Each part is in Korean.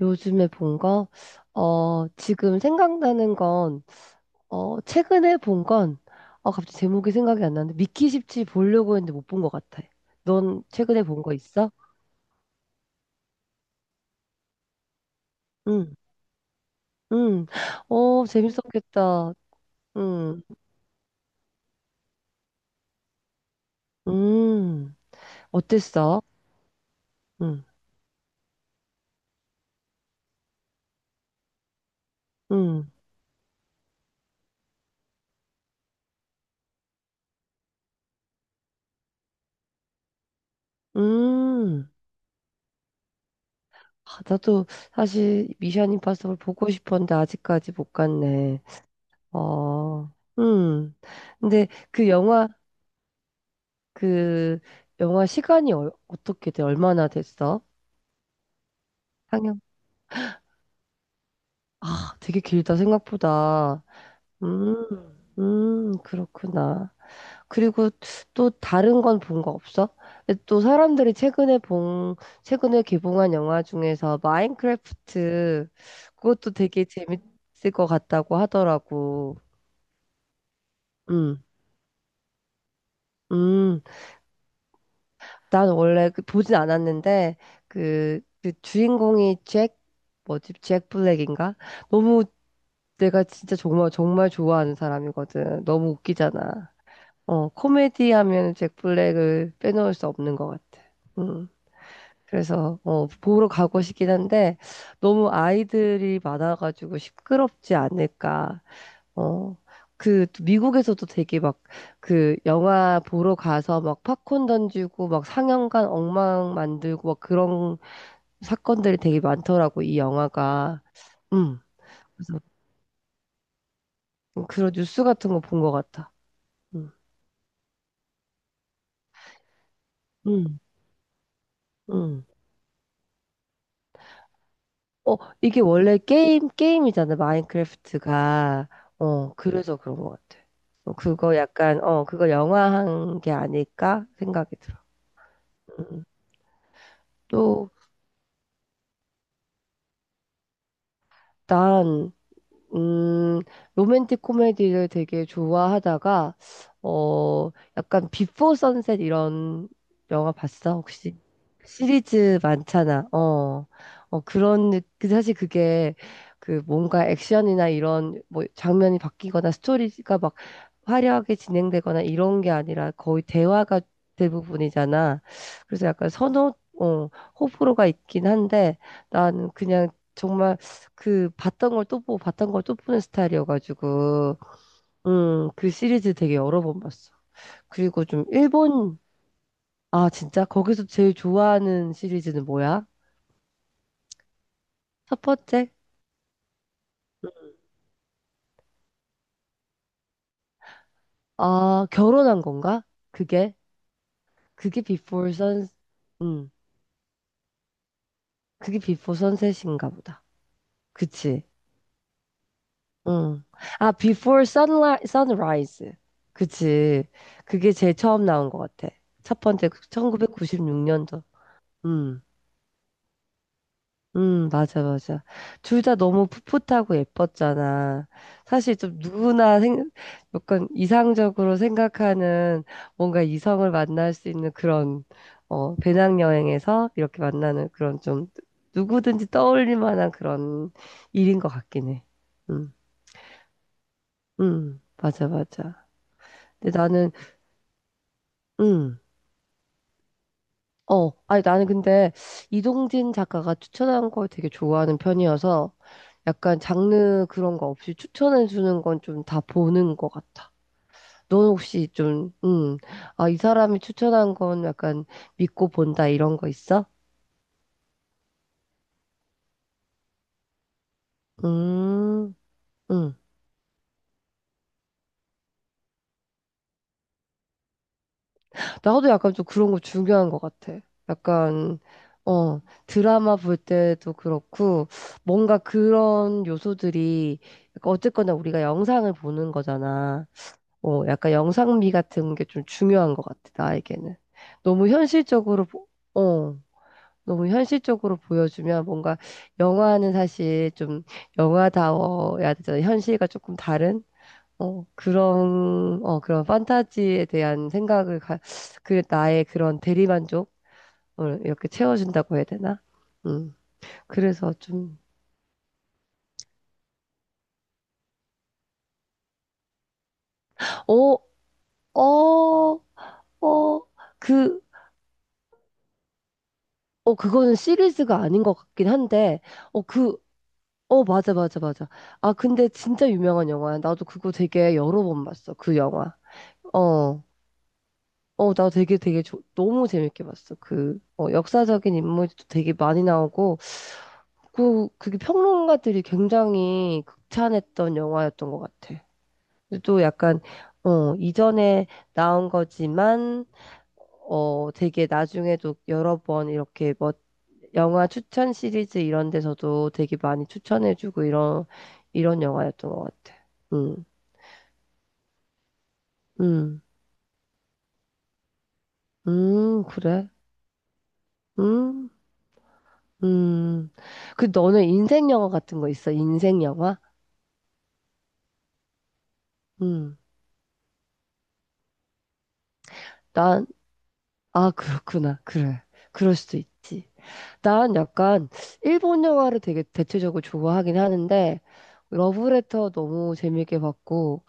요즘에 본 거? 지금 생각나는 건, 최근에 본 건, 갑자기 제목이 생각이 안 나는데, 미키 17 보려고 했는데 못 본 것 같아. 넌 최근에 본 거 있어? 응, 응. 재밌었겠다. 응, 음. 어땠어? 응, 응, 응. 아, 나도 사실 미션 임파서블 보고 싶었는데 아직까지 못 갔네. 어, 음. 근데 그 영화 시간이 어떻게 돼? 얼마나 됐어? 상영. 아, 되게 길다 생각보다. 음, 그렇구나. 그리고 또 다른 건 본 거 없어? 근데 또 사람들이 최근에 개봉한 영화 중에서 마인크래프트 그것도 되게 재밌을 것 같다고 하더라고. 음, 음. 난 원래 그 보진 않았는데 그 주인공이 잭 뭐지? 잭 블랙인가? 너무 내가 진짜 정말 정말 좋아하는 사람이거든. 너무 웃기잖아. 코미디 하면 잭 블랙을 빼놓을 수 없는 것 같아. 음. 그래서 보러 가고 싶긴 한데 너무 아이들이 많아가지고 시끄럽지 않을까. 어, 그, 미국에서도 되게 막, 그, 영화 보러 가서 막 팝콘 던지고, 막 상영관 엉망 만들고, 막 그런 사건들이 되게 많더라고, 이 영화가. 음, 그래서 그런 뉴스 같은 거 본 것 같아. 음, 음, 음. 이게 원래 게임이잖아, 마인크래프트가. 그래서 그런 것 같아. 그거 약간, 그거 영화한 게 아닐까 생각이 들어. 음. 또, 난, 음, 로맨틱 코미디를 되게 좋아하다가, 어, 약간 비포 선셋 이런 영화 봤어? 혹시? 시리즈 많잖아. 그런, 그 사실 그게 그 뭔가 액션이나 이런 뭐 장면이 바뀌거나 스토리가 막 화려하게 진행되거나 이런 게 아니라 거의 대화가 대부분이잖아. 그래서 약간 어, 호불호가 있긴 한데 나는 그냥 정말 그 봤던 걸 또 보고 봤던 걸 또 보는 스타일이어가지고 그 시리즈 되게 여러 번 봤어. 그리고 좀 일본 아 진짜 거기서 제일 좋아하는 시리즈는 뭐야? 첫 번째 아 결혼한 건가? 그게 그게 비포 선 음, 그게 비포 선셋인가 보다. 그치? 응. 아 비포 선라이즈. 그치? 그게 제일 처음 나온 것 같아. 첫 번째 1996년도. 맞아, 맞아. 둘 다 너무 풋풋하고 예뻤잖아. 사실 좀 누구나 약간 이상적으로 생각하는 뭔가 이성을 만날 수 있는 그런, 배낭여행에서 이렇게 만나는 그런 좀 누구든지 떠올릴 만한 그런 일인 것 같긴 해. 음, 맞아, 맞아. 근데 나는, 응. 아니 나는 근데 이동진 작가가 추천한 걸 되게 좋아하는 편이어서 약간 장르 그런 거 없이 추천해 주는 건 좀 다 보는 것 같아. 너는 혹시 좀, 아, 이 사람이 추천한 건 약간 믿고 본다 이런 거 있어? 음, 음. 나도 약간 좀 그런 거 중요한 것 같아. 약간, 어, 드라마 볼 때도 그렇고 뭔가 그런 요소들이 약간 어쨌거나 우리가 영상을 보는 거잖아. 약간 영상미 같은 게 좀 중요한 것 같아, 나에게는. 너무 현실적으로, 보- 어, 너무 현실적으로 보여주면 뭔가 영화는 사실 좀 영화다워야 되잖아. 현실과 조금 다른? 그런, 그런 판타지에 대한 생각을, 그, 나의 그런 대리만족을 이렇게 채워준다고 해야 되나? 음, 그래서 좀, 어, 어, 어, 그, 그거는 시리즈가 아닌 것 같긴 한데, 그, 맞아, 맞아, 맞아. 아, 근데 진짜 유명한 영화야. 나도 그거 되게 여러 번 봤어, 그 영화. 어, 나 되게 되게 너무 재밌게 봤어. 그, 역사적인 인물도 되게 많이 나오고, 그게 평론가들이 굉장히 극찬했던 영화였던 것 같아. 근데 또 약간, 이전에 나온 거지만, 되게 나중에도 여러 번 이렇게 뭐 영화 추천 시리즈 이런 데서도 되게 많이 추천해주고 이런 영화였던 것 같아. 음, 음, 그래? 음, 음. 그 너는 인생 영화 같은 거 있어? 인생 영화? 음, 난, 아, 그렇구나. 그래. 그럴 수도 있지. 난 약간 일본 영화를 되게 대체적으로 좋아하긴 하는데 러브레터 너무 재밌게 봤고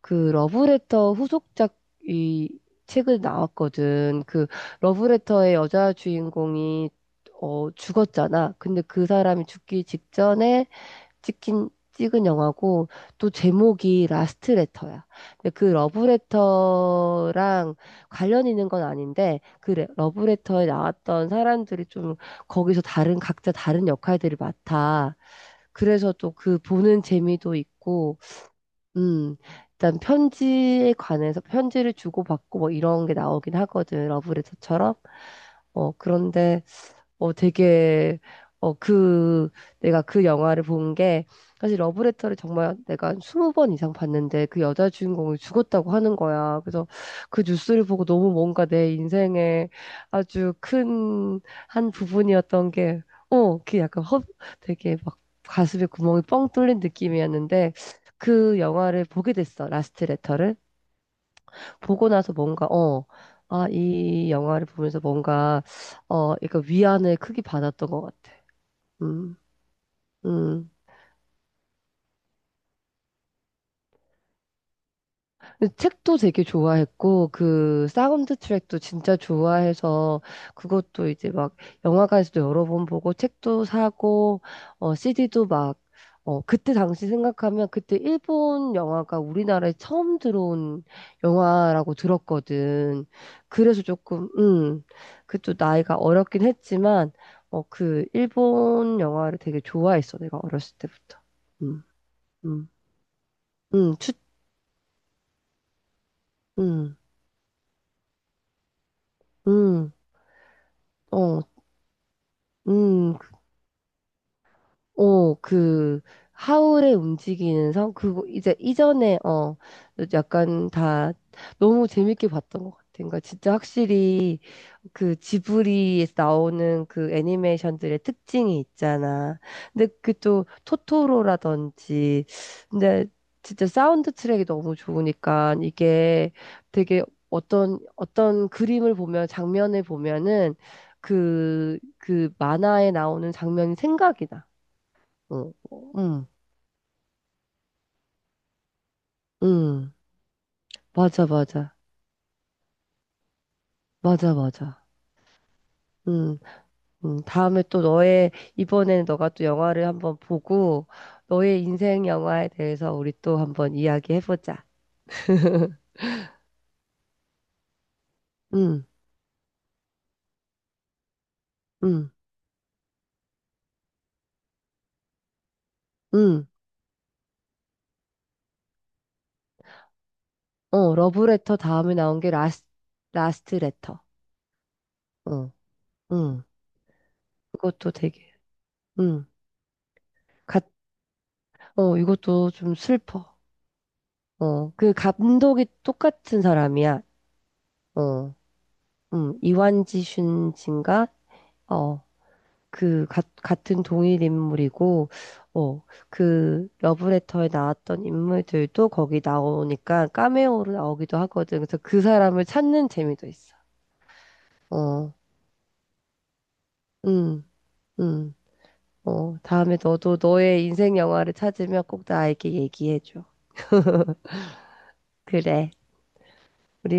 그 러브레터 후속작 이 책을 나왔거든. 그 러브레터의 여자 주인공이 죽었잖아. 근데 그 사람이 죽기 직전에 찍힌 찍은 영화고 또 제목이 라스트 레터야. 근데 그 러브레터랑 관련 있는 건 아닌데 그 러브레터에 나왔던 사람들이 좀 거기서 다른 각자 다른 역할들을 맡아. 그래서 또 그 보는 재미도 있고 음, 일단 편지에 관해서 편지를 주고받고 뭐 이런 게 나오긴 하거든. 러브레터처럼. 그런데 되게, 그, 내가 그 영화를 본 게, 사실 러브레터를 정말 내가 한 20번 이상 봤는데 그 여자 주인공이 죽었다고 하는 거야. 그래서 그 뉴스를 보고 너무 뭔가 내 인생에 아주 큰 한 부분이었던 게, 그 약간 되게 막 가슴에 구멍이 뻥 뚫린 느낌이었는데 그 영화를 보게 됐어. 라스트 레터를. 보고 나서 뭔가, 아, 이 영화를 보면서 뭔가, 약간 위안을 크게 받았던 것 같아. 음, 음. 근데 책도 되게 좋아했고, 그 사운드 트랙도 진짜 좋아해서, 그것도 이제 막 영화관에서도 여러 번 보고, 책도 사고, CD도 막, 그때 당시 생각하면 그때 일본 영화가 우리나라에 처음 들어온 영화라고 들었거든. 그래서 조금, 그 또 나이가 어렸긴 했지만, 그 일본 영화를 되게 좋아했어, 내가 어렸을 때부터. 음, 음, 음, 추, 음, 음. 어, 음. 그, 하울의 움직이는 성? 그거, 이제 이전에, 약간 다 너무 재밌게 봤던 것 같아. 그러니까 진짜 확실히 그 지브리에서 나오는 그 애니메이션들의 특징이 있잖아. 근데 그 또 토토로라든지, 근데 진짜 사운드 트랙이 너무 좋으니까 이게 되게 어떤 그림을 보면, 장면을 보면은 그 만화에 나오는 장면이 생각이 나. 응, 응, 응. 맞아, 맞아. 맞아, 맞아. 응, 응. 다음에 또 이번에는 너가 또 영화를 한번 보고, 너의 인생 영화에 대해서 우리 또 한번 이야기해보자. 응, 응, 응. 러브레터 다음에 나온 게 라스트 레터. 어, 응. 그것도 되게, 응. 갓, 이것도 좀 슬퍼. 그 감독이 똑같은 사람이야. 어, 응. 이완지 슌진가? 어. 그 같은 동일 인물이고 어, 그 러브레터에 나왔던 인물들도 거기 나오니까 카메오로 나오기도 하거든. 그래서 그 사람을 찾는 재미도 있어. 어, 음, 음, 다음에 너도 너의 인생 영화를 찾으면 꼭 나에게 얘기해줘. 그래. 우리